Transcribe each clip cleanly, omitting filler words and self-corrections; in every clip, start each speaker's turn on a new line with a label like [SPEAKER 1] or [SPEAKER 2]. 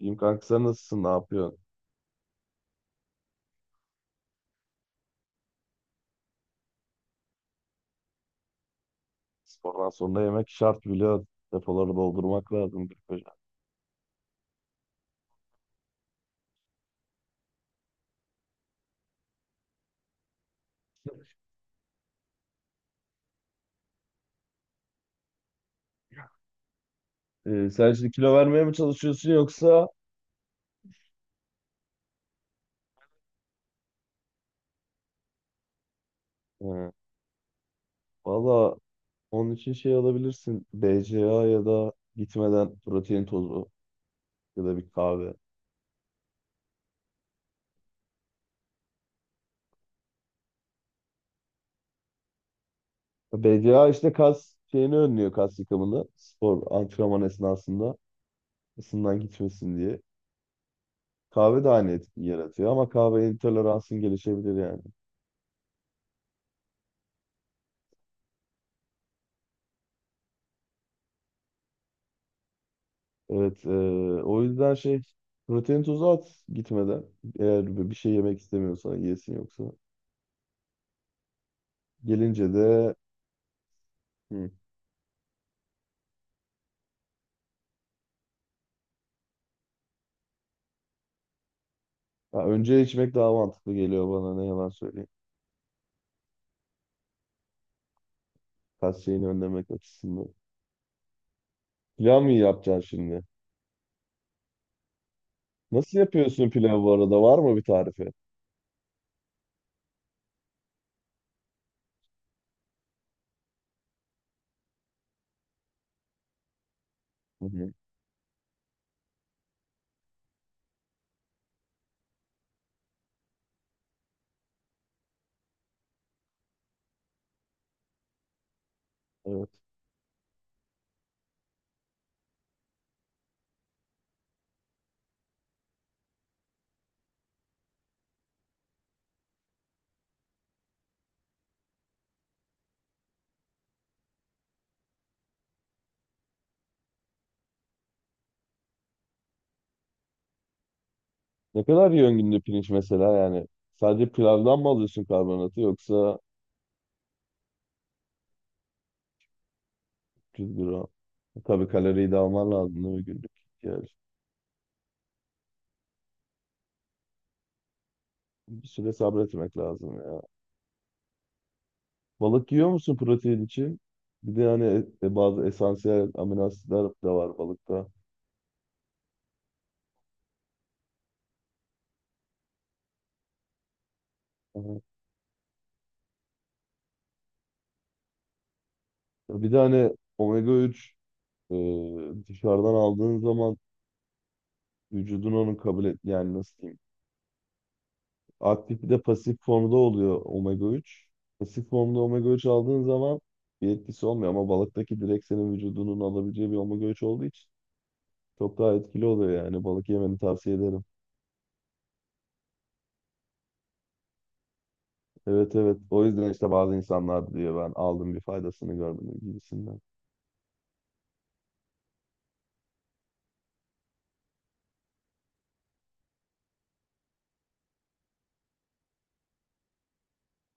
[SPEAKER 1] İyiyim kanka, sen nasılsın? Ne yapıyorsun? Spordan sonra yemek şart biliyorsun. Depoları doldurmak lazım bir koca. Sen şimdi kilo vermeye mi çalışıyorsun yoksa? Ee, valla onun için şey alabilirsin. BCA, ya da gitmeden protein tozu ya da bir kahve. BCA işte kas şeyini önlüyor, kas yıkımını. Spor antrenman esnasında ısından gitmesin diye. Kahve de aynı etki yaratıyor ama kahve intoleransın gelişebilir yani. Evet, o yüzden şey, protein tozu at gitmeden, eğer bir şey yemek istemiyorsan yesin yoksa. Gelince de hı. Ha, önce içmek daha mantıklı geliyor bana, ne yalan söyleyeyim. Kas şeyini önlemek açısından. Pilav mı yapacaksın şimdi? Nasıl yapıyorsun pilav bu arada? Var mı bir tarifi? Hı hı. Evet. Ne kadar yiyorsun günde pirinç mesela yani? Sadece pilavdan mı alıyorsun karbonatı, yoksa 300 gram? Tabii kaloriyi de alman lazım, değil mi, günlük? Yani bir süre sabretmek lazım ya. Balık yiyor musun protein için? Bir de hani bazı esansiyel amino asitler de var balıkta. Aha. Bir de hani omega 3, e, dışarıdan aldığın zaman, vücudun onu kabul et, yani nasıl diyeyim? Aktif bir de pasif formda oluyor omega 3. Pasif formda omega 3 aldığın zaman bir etkisi olmuyor, ama balıktaki direkt senin vücudunun alabileceği bir omega 3 olduğu için çok daha etkili oluyor. Yani balık yemeni tavsiye ederim. Evet, evet, o yüzden işte bazı insanlar diyor ben aldım bir faydasını görmedim gibisinden.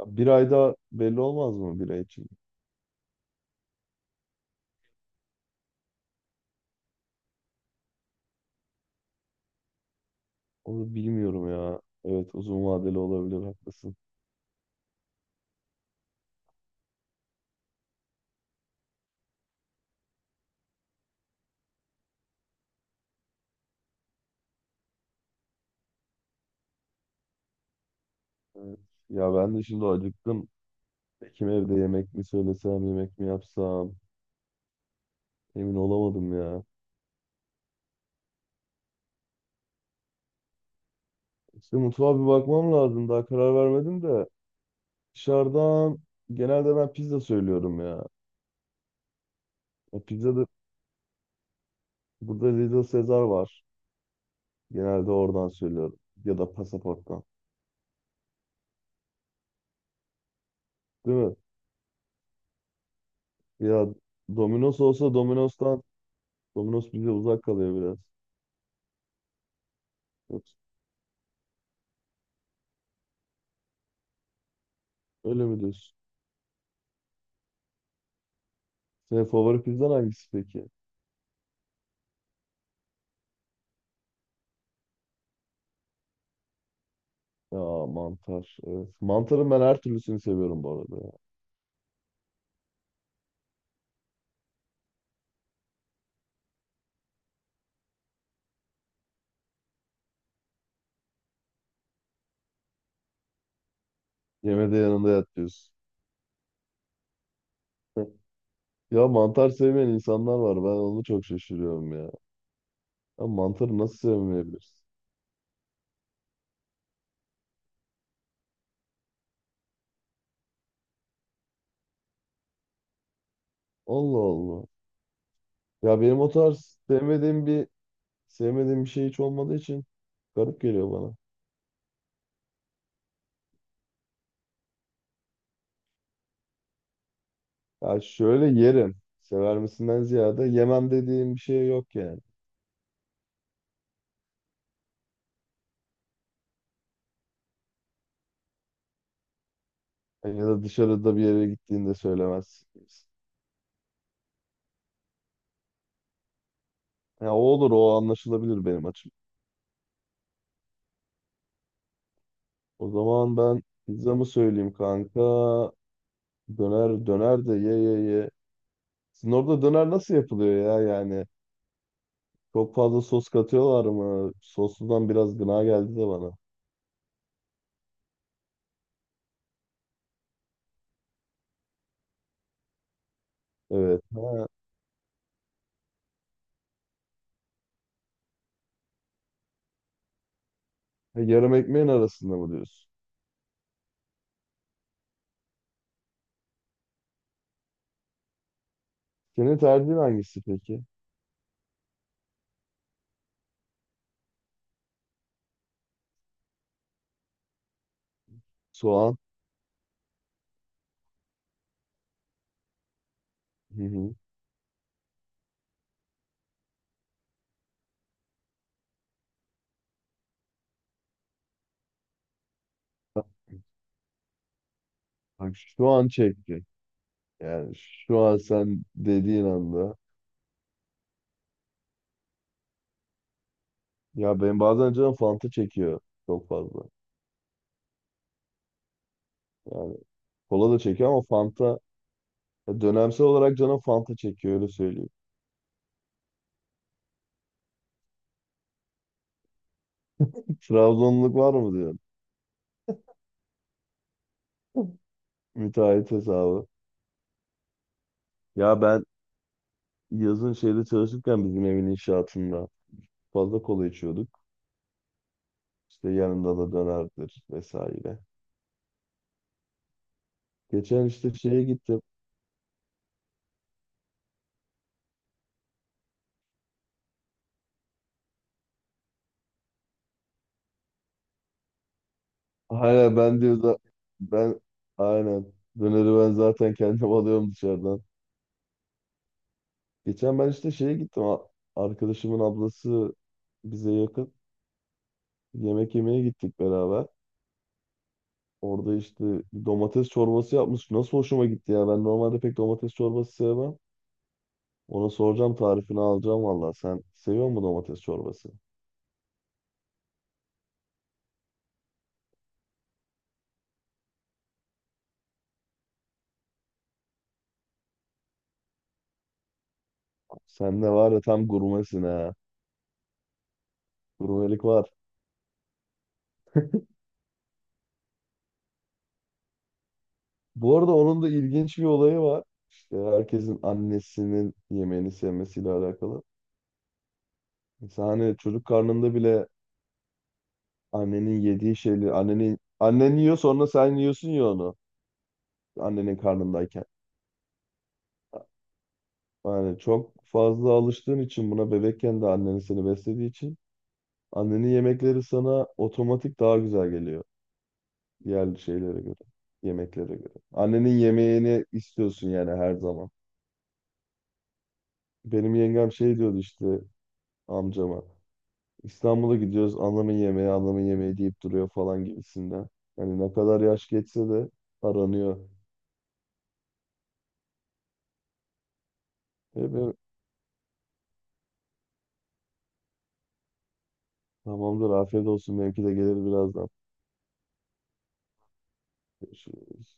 [SPEAKER 1] Bir ayda belli olmaz mı, bir ay için? Onu bilmiyorum ya. Evet, uzun vadeli olabilir, haklısın. Evet. Ya ben de şimdi acıktım. Kim evde, yemek mi söylesem, yemek mi yapsam, emin olamadım ya. İşte mutfağa bir bakmam lazım, daha karar vermedim de. Dışarıdan genelde ben pizza söylüyorum ya. Ya pizza da, burada Little Caesar var. Genelde oradan söylüyorum. Ya da Pasaport'tan. Değil mi? Ya Domino's olsa Domino's'tan. Domino's bize uzak kalıyor biraz. Öyle mi diyorsun? Senin favori pizzan hangisi peki? Ya mantar. Evet. Mantarın ben her türlüsünü seviyorum bu arada ya. Yemede yanında yat diyorsun. Ya mantar sevmeyen insanlar var. Ben onu çok şaşırıyorum ya. Ya mantarı nasıl sevmeyebilirsin? Allah Allah. Ya benim o tarz sevmediğim bir şey hiç olmadığı için garip geliyor bana. Ya şöyle yerim. Sever misinden ziyade yemem dediğim bir şey yok yani. Ya da dışarıda bir yere gittiğinde söylemez. Ya o olur, o anlaşılabilir benim açım. O zaman ben pizza mı söyleyeyim kanka? Döner, döner de ye ye ye. Sizin orada döner nasıl yapılıyor ya yani? Çok fazla sos katıyorlar mı? Sosludan biraz gına geldi de bana. Evet. Ha, yarım ekmeğin arasında mı diyorsun? Senin tercihin hangisi peki? Soğan. Hı hı. Bak şu an çekti. Yani şu an sen dediğin anda. Ya ben bazen canım Fanta çekiyor çok fazla. Yani kola da çekiyor ama Fanta, ya dönemsel olarak canım Fanta çekiyor, öyle söyleyeyim. Trabzonluk var mı diyor. Müteahhit hesabı. Ya ben yazın şeyde çalışırken, bizim evin inşaatında, fazla kola içiyorduk. İşte yanında da dönerdir vesaire. Geçen işte şeye gittim. Aynen, ben diyor da, ben, aynen, döneri ben zaten kendim alıyorum dışarıdan. Geçen ben işte şeye gittim. Arkadaşımın ablası bize yakın. Yemek yemeye gittik beraber. Orada işte domates çorbası yapmış. Nasıl hoşuma gitti ya. Ben normalde pek domates çorbası sevmem. Ona soracağım, tarifini alacağım valla. Sen seviyor musun domates çorbası? Sen ne var ya, tam gurmesin ha. Gurmelik var. Bu arada onun da ilginç bir olayı var. İşte herkesin annesinin yemeğini sevmesiyle alakalı. Mesela hani çocuk karnında bile annenin yediği şeyleri, annenin, annen yiyor, sonra sen yiyorsun ya onu. Annenin karnındayken. Yani çok fazla alıştığın için buna, bebekken de annen seni beslediği için, annenin yemekleri sana otomatik daha güzel geliyor. Diğer şeylere göre, yemeklere göre. Annenin yemeğini istiyorsun yani her zaman. Benim yengem şey diyordu işte, amcama. İstanbul'a gidiyoruz, anlamın yemeği, anlamın yemeği deyip duruyor falan gibisinden. Hani ne kadar yaş geçse de aranıyor. E ben, tamamdır, afiyet olsun, benimki de gelir birazdan. Görüşürüz.